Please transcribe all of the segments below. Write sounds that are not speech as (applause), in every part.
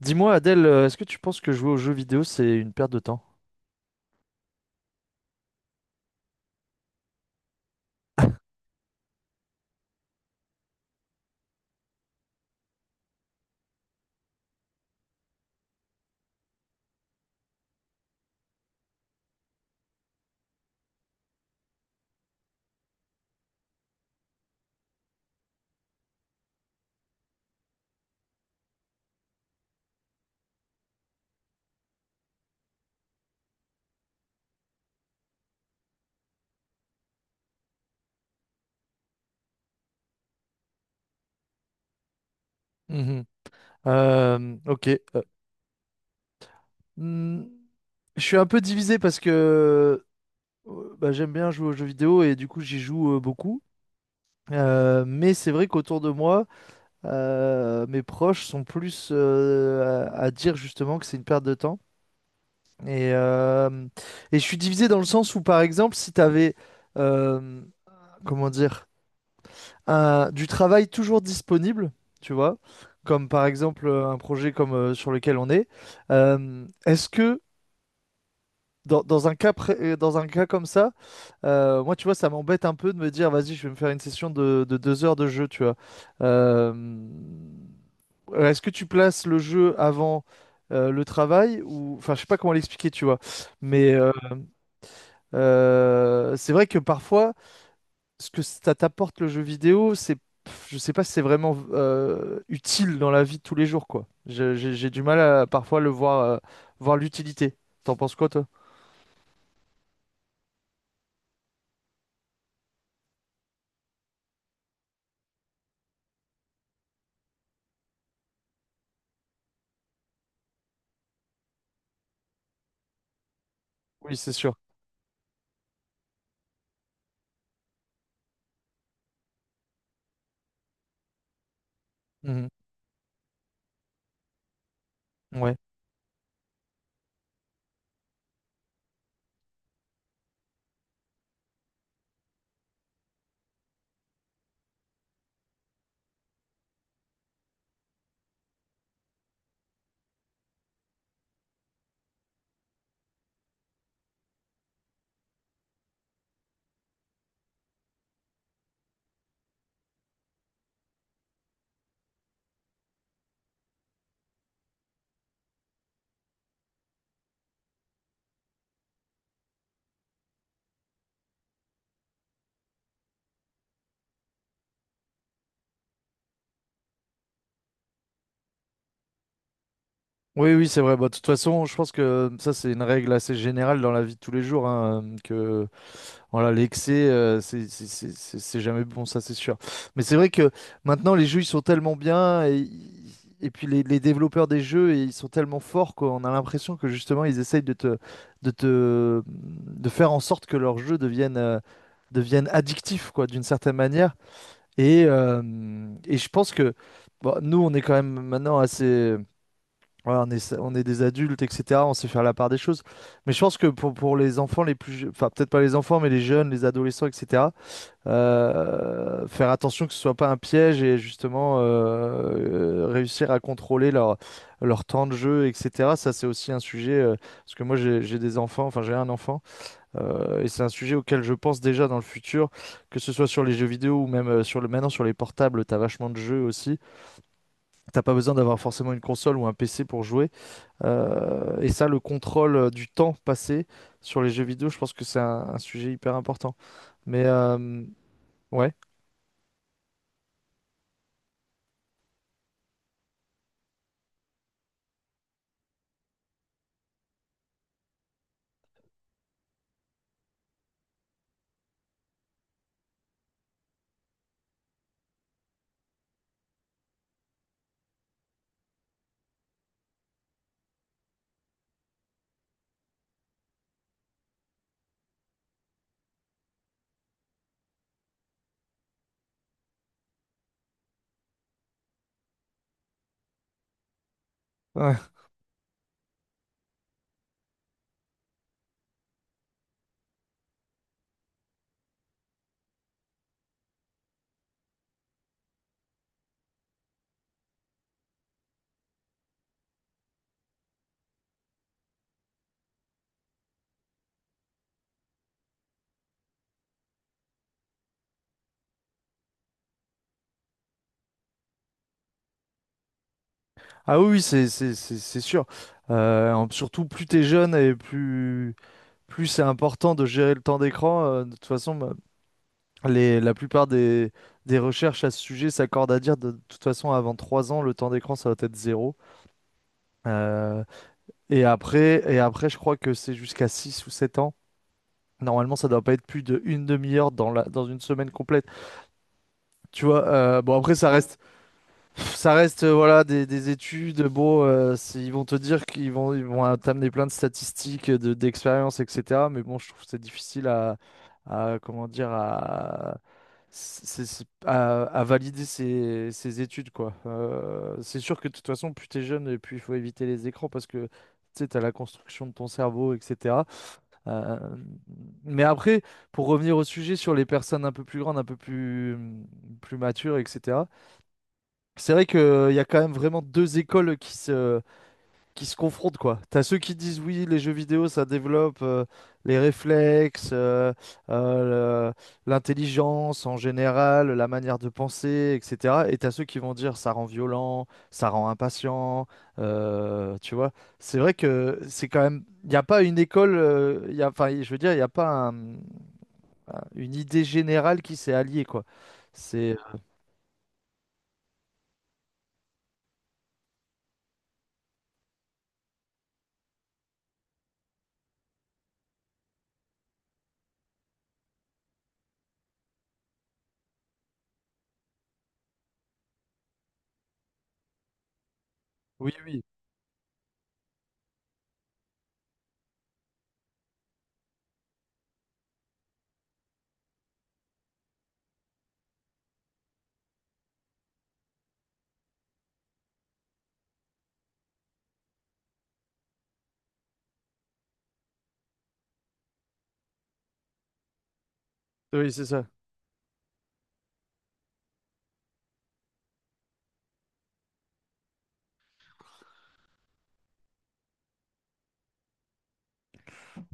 Dis-moi, Adèle, est-ce que tu penses que jouer aux jeux vidéo, c'est une perte de temps? Mhm. Ok. euh, hmm, je suis un peu divisé parce que bah, j'aime bien jouer aux jeux vidéo et du coup, j'y joue beaucoup. Mais c'est vrai qu'autour de moi, mes proches sont plus à dire justement que c'est une perte de temps. Et, euh, et je suis divisé dans le sens où, par exemple, si tu avais, comment dire, du travail toujours disponible, tu vois, comme par exemple un projet comme sur lequel on est. Est-ce que dans un cas dans un cas comme ça, moi tu vois, ça m'embête un peu de me dire, vas-y, je vais me faire une session de 2 heures de jeu, tu vois. Euh, Est-ce que tu places le jeu avant le travail, ou enfin je sais pas comment l'expliquer, tu vois, mais c'est vrai que parfois ce que ça t'apporte le jeu vidéo, c'est, pff, je sais pas si c'est vraiment utile dans la vie de tous les jours, quoi. J'ai du mal à parfois le voir, voir l'utilité. T'en penses quoi, toi? Oui, c'est sûr. Mhm. Ouais. Oui, oui, c'est vrai. Bah, de toute façon, je pense que ça, c'est une règle assez générale dans la vie de tous les jours, hein, que voilà, l'excès, c'est jamais bon, ça c'est sûr. Mais c'est vrai que maintenant les jeux ils sont tellement bien, et puis les développeurs des jeux ils sont tellement forts qu'on a l'impression que justement ils essayent de faire en sorte que leurs jeux deviennent, deviennent addictifs quoi, d'une certaine manière. Et, euh, et je pense que bon, nous on est quand même maintenant assez ouais, on est des adultes, etc. On sait faire la part des choses. Mais je pense que pour les enfants les plus... enfin, peut-être pas les enfants, mais les jeunes, les adolescents, etc. Faire attention que ce soit pas un piège et justement réussir à contrôler leur temps de jeu, etc. Ça, c'est aussi un sujet... parce que moi, j'ai des enfants, enfin, j'ai un enfant. Et c'est un sujet auquel je pense déjà dans le futur, que ce soit sur les jeux vidéo ou même maintenant sur les portables, t'as vachement de jeux aussi. T'as pas besoin d'avoir forcément une console ou un PC pour jouer. Et ça, le contrôle du temps passé sur les jeux vidéo, je pense que c'est un sujet hyper important. Mais euh, ouais. (laughs) Ouais. Ah oui, oui, c'est sûr. Surtout plus t'es jeune et plus c'est important de gérer le temps d'écran. De toute façon, bah, la plupart des recherches à ce sujet s'accordent à dire de toute façon avant 3 ans, le temps d'écran ça doit être zéro. Euh, et après, je crois que c'est jusqu'à 6 ou 7 ans. Normalement, ça doit pas être plus de une demi-heure dans dans une semaine complète. Tu vois, bon après ça reste voilà des études. Bon, ils vont te dire ils vont t'amener plein de statistiques, de d'expériences, etc. Mais bon, je trouve que c'est difficile à, comment dire, à, c'est- à valider ces études, quoi. C'est sûr que de toute façon, plus t'es jeune, et plus il faut éviter les écrans parce que tu sais, t'as la construction de ton cerveau, etc. Euh, mais après, pour revenir au sujet sur les personnes un peu plus grandes, plus matures, etc., c'est vrai qu'il y a quand même vraiment deux écoles qui se confrontent, quoi. T'as ceux qui disent oui, les jeux vidéo, ça développe les réflexes, euh, le- l'intelligence en général, la manière de penser, etc. Et t'as ceux qui vont dire ça rend violent, ça rend impatient, tu vois. C'est vrai que c'est quand même, il n'y a pas une école, il y a, enfin, je veux dire, il n'y a pas une idée générale qui s'est alliée, quoi. C'est, oui, oui, oui, c'est ça.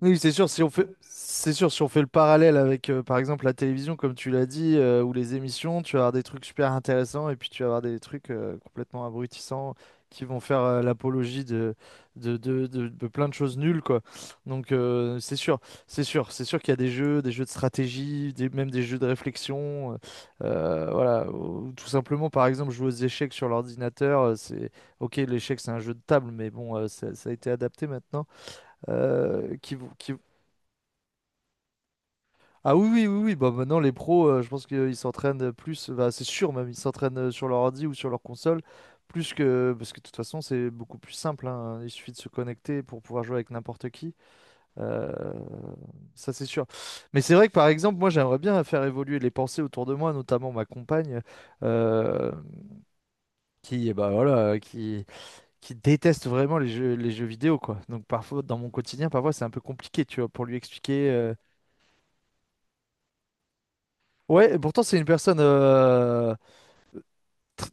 Oui, c'est sûr, si on fait, c'est sûr, si on fait le parallèle avec, par exemple, la télévision, comme tu l'as dit, ou les émissions, tu vas avoir des trucs super intéressants et puis tu vas avoir des trucs complètement abrutissants qui vont faire l'apologie de plein de choses nulles, quoi. Donc, c'est sûr qu'il y a des jeux de stratégie, même des jeux de réflexion. Voilà, ou tout simplement, par exemple, jouer aux échecs sur l'ordinateur, ok, l'échec, c'est un jeu de table, mais bon, ça a été adapté maintenant euh, qui, vont- qui, ah oui, oui, oui, oui. Bah, maintenant, les pros, je pense qu'ils s'entraînent plus, bah, c'est sûr même, ils s'entraînent sur leur ordi ou sur leur console, parce que de toute façon, c'est beaucoup plus simple, hein. Il suffit de se connecter pour pouvoir jouer avec n'importe qui. Euh, Ça, c'est sûr. Mais c'est vrai que, par exemple, moi, j'aimerais bien faire évoluer les pensées autour de moi, notamment ma compagne, euh, bah, voilà, qui déteste vraiment les jeux vidéo, quoi. Donc, parfois, dans mon quotidien, parfois, c'est un peu compliqué, tu vois, pour lui expliquer. Ouais, et pourtant c'est une personne.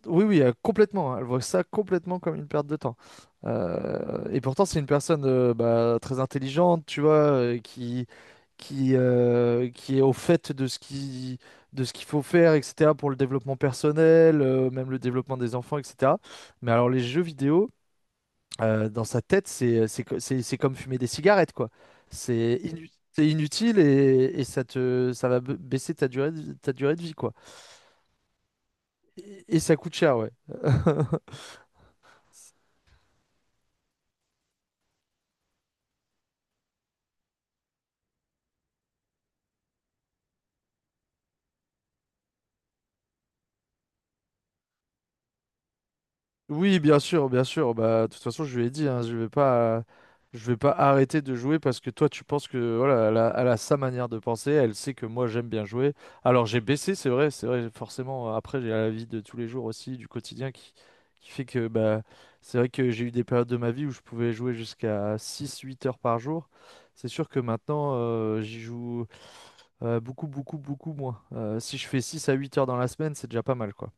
Oui, oui, complètement, hein. Elle voit ça complètement comme une perte de temps. Et pourtant, c'est une personne bah, très intelligente, tu vois, qui est au fait de ce qu'il faut faire, etc., pour le développement personnel, même le développement des enfants, etc. Mais alors, les jeux vidéo, dans sa tête, c'est comme fumer des cigarettes, quoi. C'est inutile et ça va baisser ta durée de vie, quoi. Et ça coûte cher, ouais. (laughs) Oui, bien sûr, bien sûr. Bah, de toute façon, je lui ai dit, hein, je vais pas arrêter de jouer parce que toi, tu penses que voilà, elle a sa manière de penser. Elle sait que moi, j'aime bien jouer. Alors, j'ai baissé, c'est vrai, c'est vrai. Forcément, après, j'ai la vie de tous les jours aussi, du quotidien, qui fait que bah, c'est vrai que j'ai eu des périodes de ma vie où je pouvais jouer jusqu'à 6, 8 heures par jour. C'est sûr que maintenant, j'y joue beaucoup, beaucoup, beaucoup moins. Si je fais 6 à 8 heures dans la semaine, c'est déjà pas mal, quoi.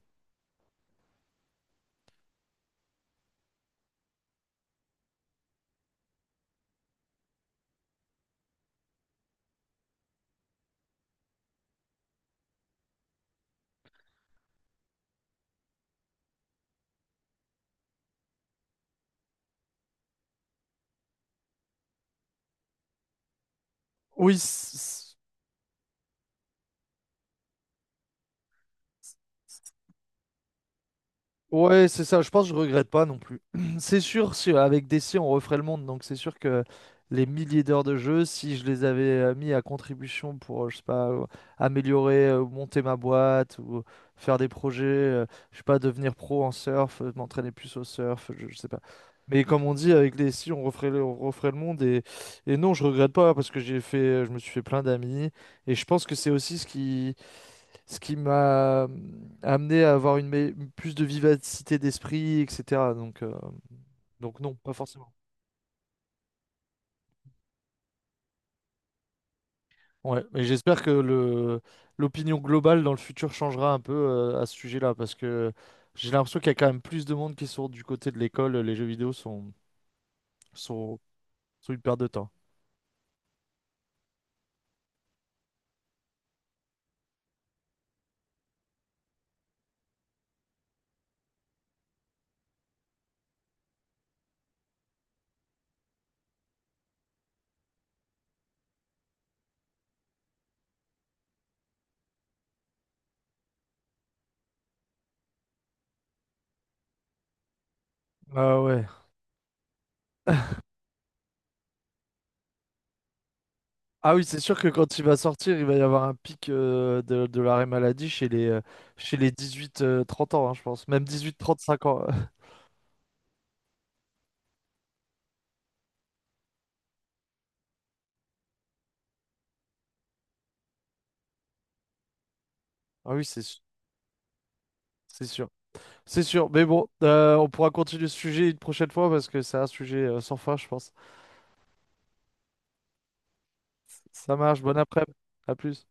Oui, c- Ouais, c'est ça. Je pense que je regrette pas non plus. (clears throat) C'est sûr, si avec DC, on referait le monde. Donc, c'est sûr que les milliers d'heures de jeu, si je les avais mis à contribution pour, je sais pas, monter ma boîte ou faire des projets, je sais pas, devenir pro en surf, m'entraîner plus au surf, je sais pas. Mais comme on dit, avec les si, on referait le monde. Et non, je regrette pas parce que je me suis fait plein d'amis. Et je pense que c'est aussi ce qui m'a amené à avoir plus de vivacité d'esprit, etc. Donc non, pas forcément. Ouais, mais j'espère que le l'opinion globale dans le futur changera un peu à ce sujet-là, parce que j'ai l'impression qu'il y a quand même plus de monde qui sont du côté de l'école. Les jeux vidéo sont, sont une perte de temps. Ah ouais. (laughs) Ah oui, c'est sûr que quand il va sortir, il va y avoir un pic de l'arrêt maladie chez les 18-30 ans, hein, je pense. Même 18-35 ans. (laughs) Ah oui, c'est sûr. C'est sûr, mais bon, on pourra continuer ce sujet une prochaine fois parce que c'est un sujet sans fin, je pense. Ça marche, bon après-midi, à plus.